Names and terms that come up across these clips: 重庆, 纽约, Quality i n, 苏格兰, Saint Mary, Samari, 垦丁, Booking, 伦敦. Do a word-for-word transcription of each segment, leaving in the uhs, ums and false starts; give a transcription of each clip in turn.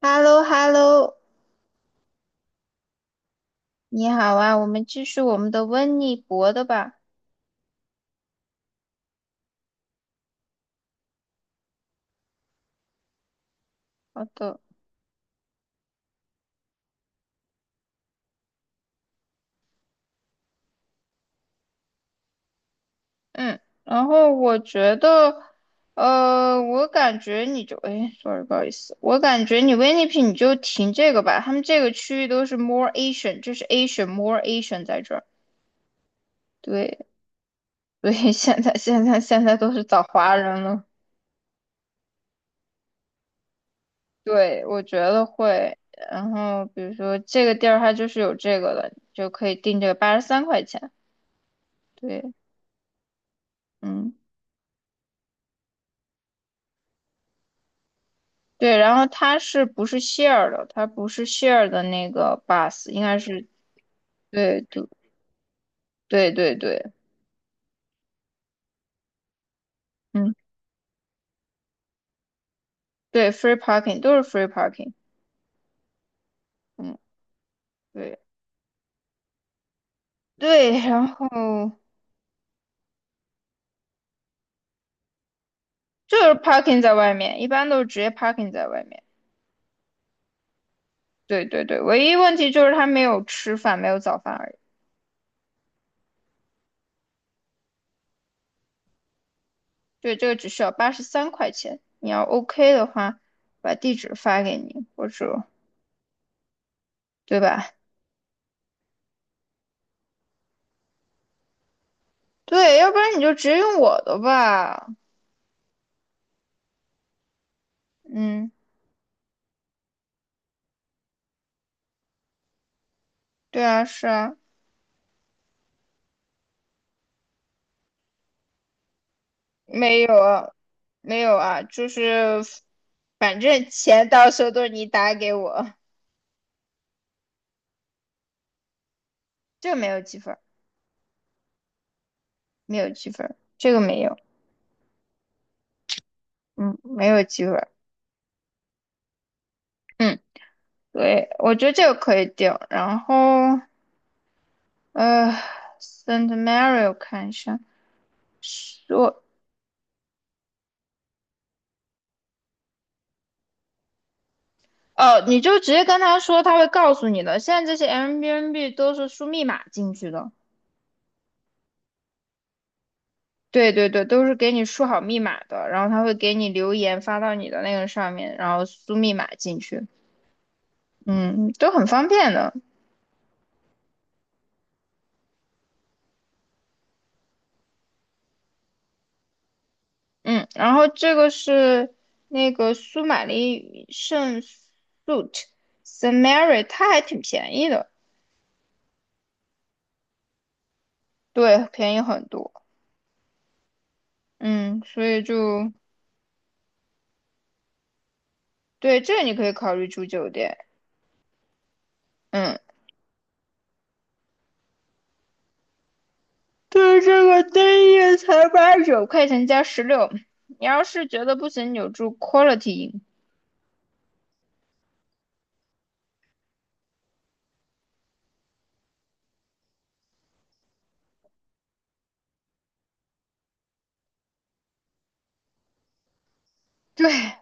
h e l l o h e l l o 你好啊，我们继续我们的温尼伯的吧。好的。嗯。然后我觉得，呃，我感觉你就，哎，sorry，不好意思，我感觉你温尼 n 你就停这个吧。他们这个区域都是 more Asian，这是 Asian more Asian 在这儿。对。所以现在现在现在都是找华人了。对，我觉得会。然后比如说这个地儿它就是有这个了，就可以定这个八十三块钱。对。嗯。对，然后它是不是 share 的？它不是 share 的那个 bus，应该是。对对对对对。嗯。对，free parking 都是 free parking。嗯。对对。然后就是 parking 在外面，一般都是直接 parking 在外面。对对对，唯一问题就是他没有吃饭，没有早饭而已。对，这个只需要八十三块钱，你要 OK 的话，把地址发给你，或者，对吧？对，要不然你就直接用我的吧。嗯。对啊，是啊。没有啊，没有啊，就是反正钱到时候都是你打给我。这个没有积分儿。没有积分儿，这个没有。嗯，没有积分儿。嗯。对，我觉得这个可以定。然后呃，Saint Mary 我看一下，说。哦，你就直接跟他说，他会告诉你的。现在这些 Airbnb 都是输密码进去的。对对对，都是给你输好密码的，然后他会给你留言发到你的那个上面，然后输密码进去。嗯，都很方便的。嗯，然后这个是那个苏玛丽圣 suit Samari，它还挺便宜的。对，便宜很多。嗯，所以就。对，这个你可以考虑住酒店。嗯。对，这个单夜才八十九块钱加十六，你要是觉得不行，你就住 Quality i n。 对，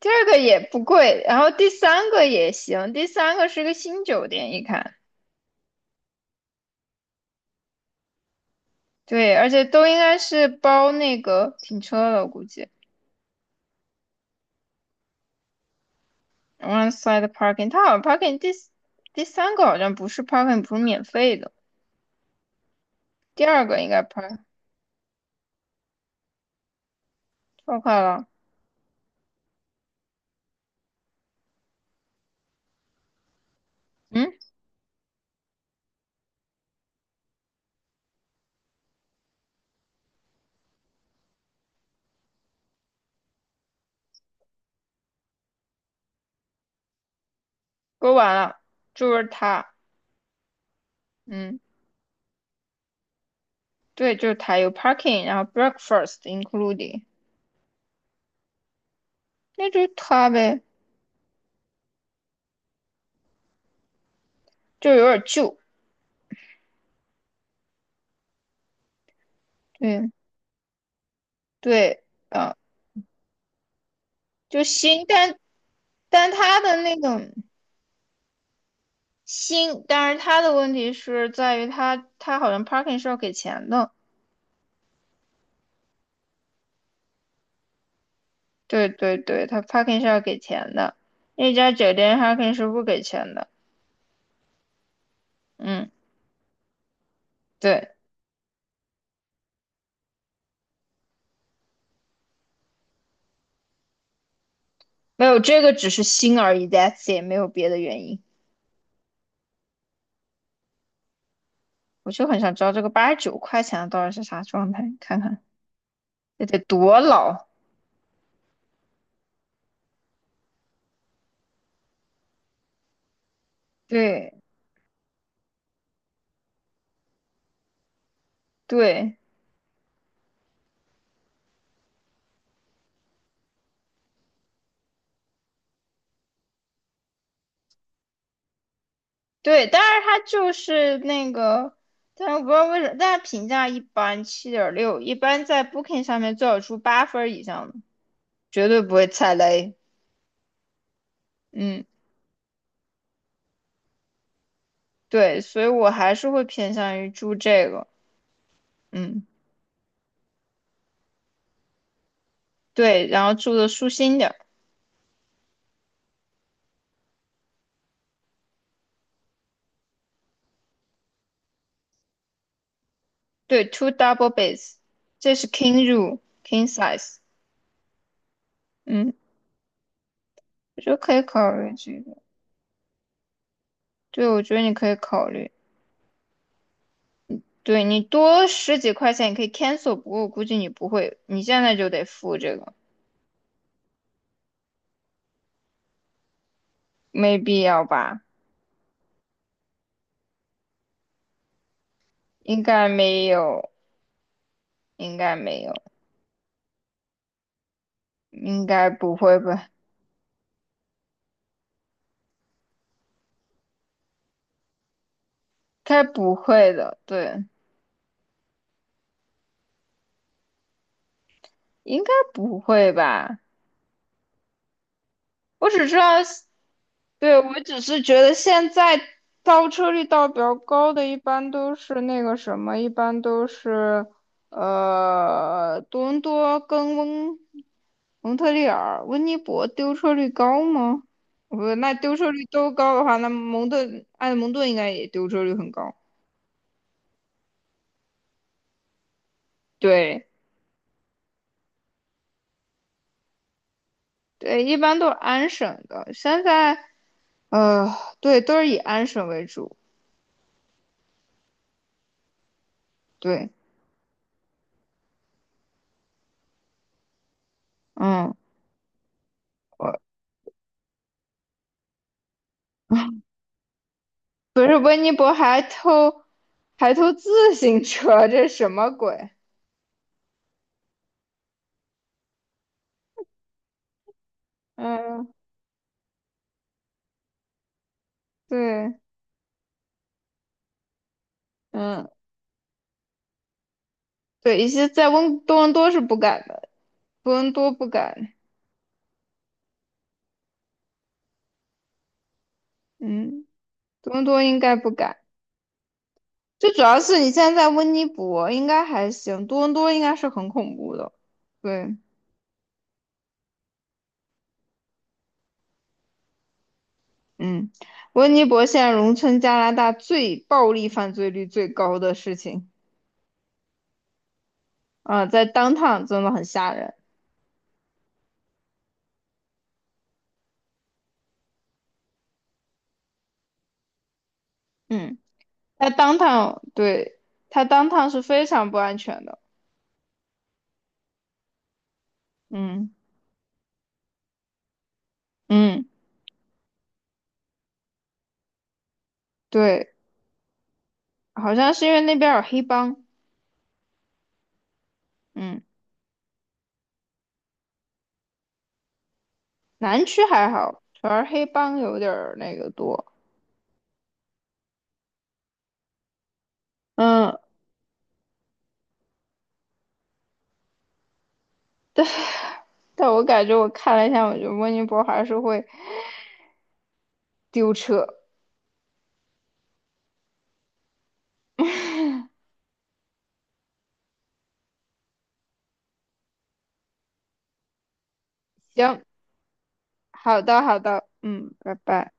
第二个也不贵，然后第三个也行，第三个是个新酒店，一看。对，而且都应该是包那个停车的，估计 o n e s i d e parking，它好像 parking 第四第三个好像不是 parking，不是免费的，第二个应该 park 超快了。嗯，说完了，就是它。嗯，对，就是它有 parking，然后 breakfast including。那就是它呗，就是有点旧。对对。啊，就新，但但它的那种新，但是它的问题是在于它它好像 parking 是要给钱的。对对对，他 parking 是要给钱的，那家酒店 parking 是不给钱的。嗯，对，没有，这个只是新而已，that's 也没有别的原因。我就很想知道这个八十九块钱的到底是啥状态，看看这得多老。对对对，但是它就是那个，但是我不知道为什么，但是评价一般，七点六，一般在 Booking 上面最好出八分儿以上的，绝对不会踩雷。嗯，对，所以我还是会偏向于住这个。嗯。对，然后住的舒心点儿。对，two double beds，这是 king room king size。嗯，我觉得可以考虑这个。对，我觉得你可以考虑。对，你多十几块钱，你可以 cancel，不过我估计你不会，你现在就得付这个。没必要吧？应该没有，应该没有，应该不会吧？该不会的。对，应该不会吧？我只知道。对，我只是觉得现在倒车率倒比较高的，一般都是那个什么，一般都是呃多伦多跟温蒙特利尔、温尼伯丢车率高吗？不，那丢车率都高的话，那蒙特埃德蒙顿应该也丢车率很高。对对，一般都是安省的，现在呃对，都是以安省为主。对。嗯。不是温尼伯还偷还偷自行车，这是什么鬼？嗯。对。嗯。对，一些在温多伦多是不敢的，多伦多不敢。嗯，多伦多应该不敢。最主要是你现在在温尼伯应该还行，多伦多应该是很恐怖的。对。嗯，温尼伯现在农村加拿大最暴力犯罪率最高的事情啊，在 downtown 真的很吓人。嗯。它当趟，对，它当趟是非常不安全的。嗯嗯，对，好像是因为那边有黑帮。嗯，南区还好，主要是黑帮有点儿那个多。嗯，但我感觉我看了一下，我觉得温尼伯还是会丢车。行，好的好的，嗯，拜拜。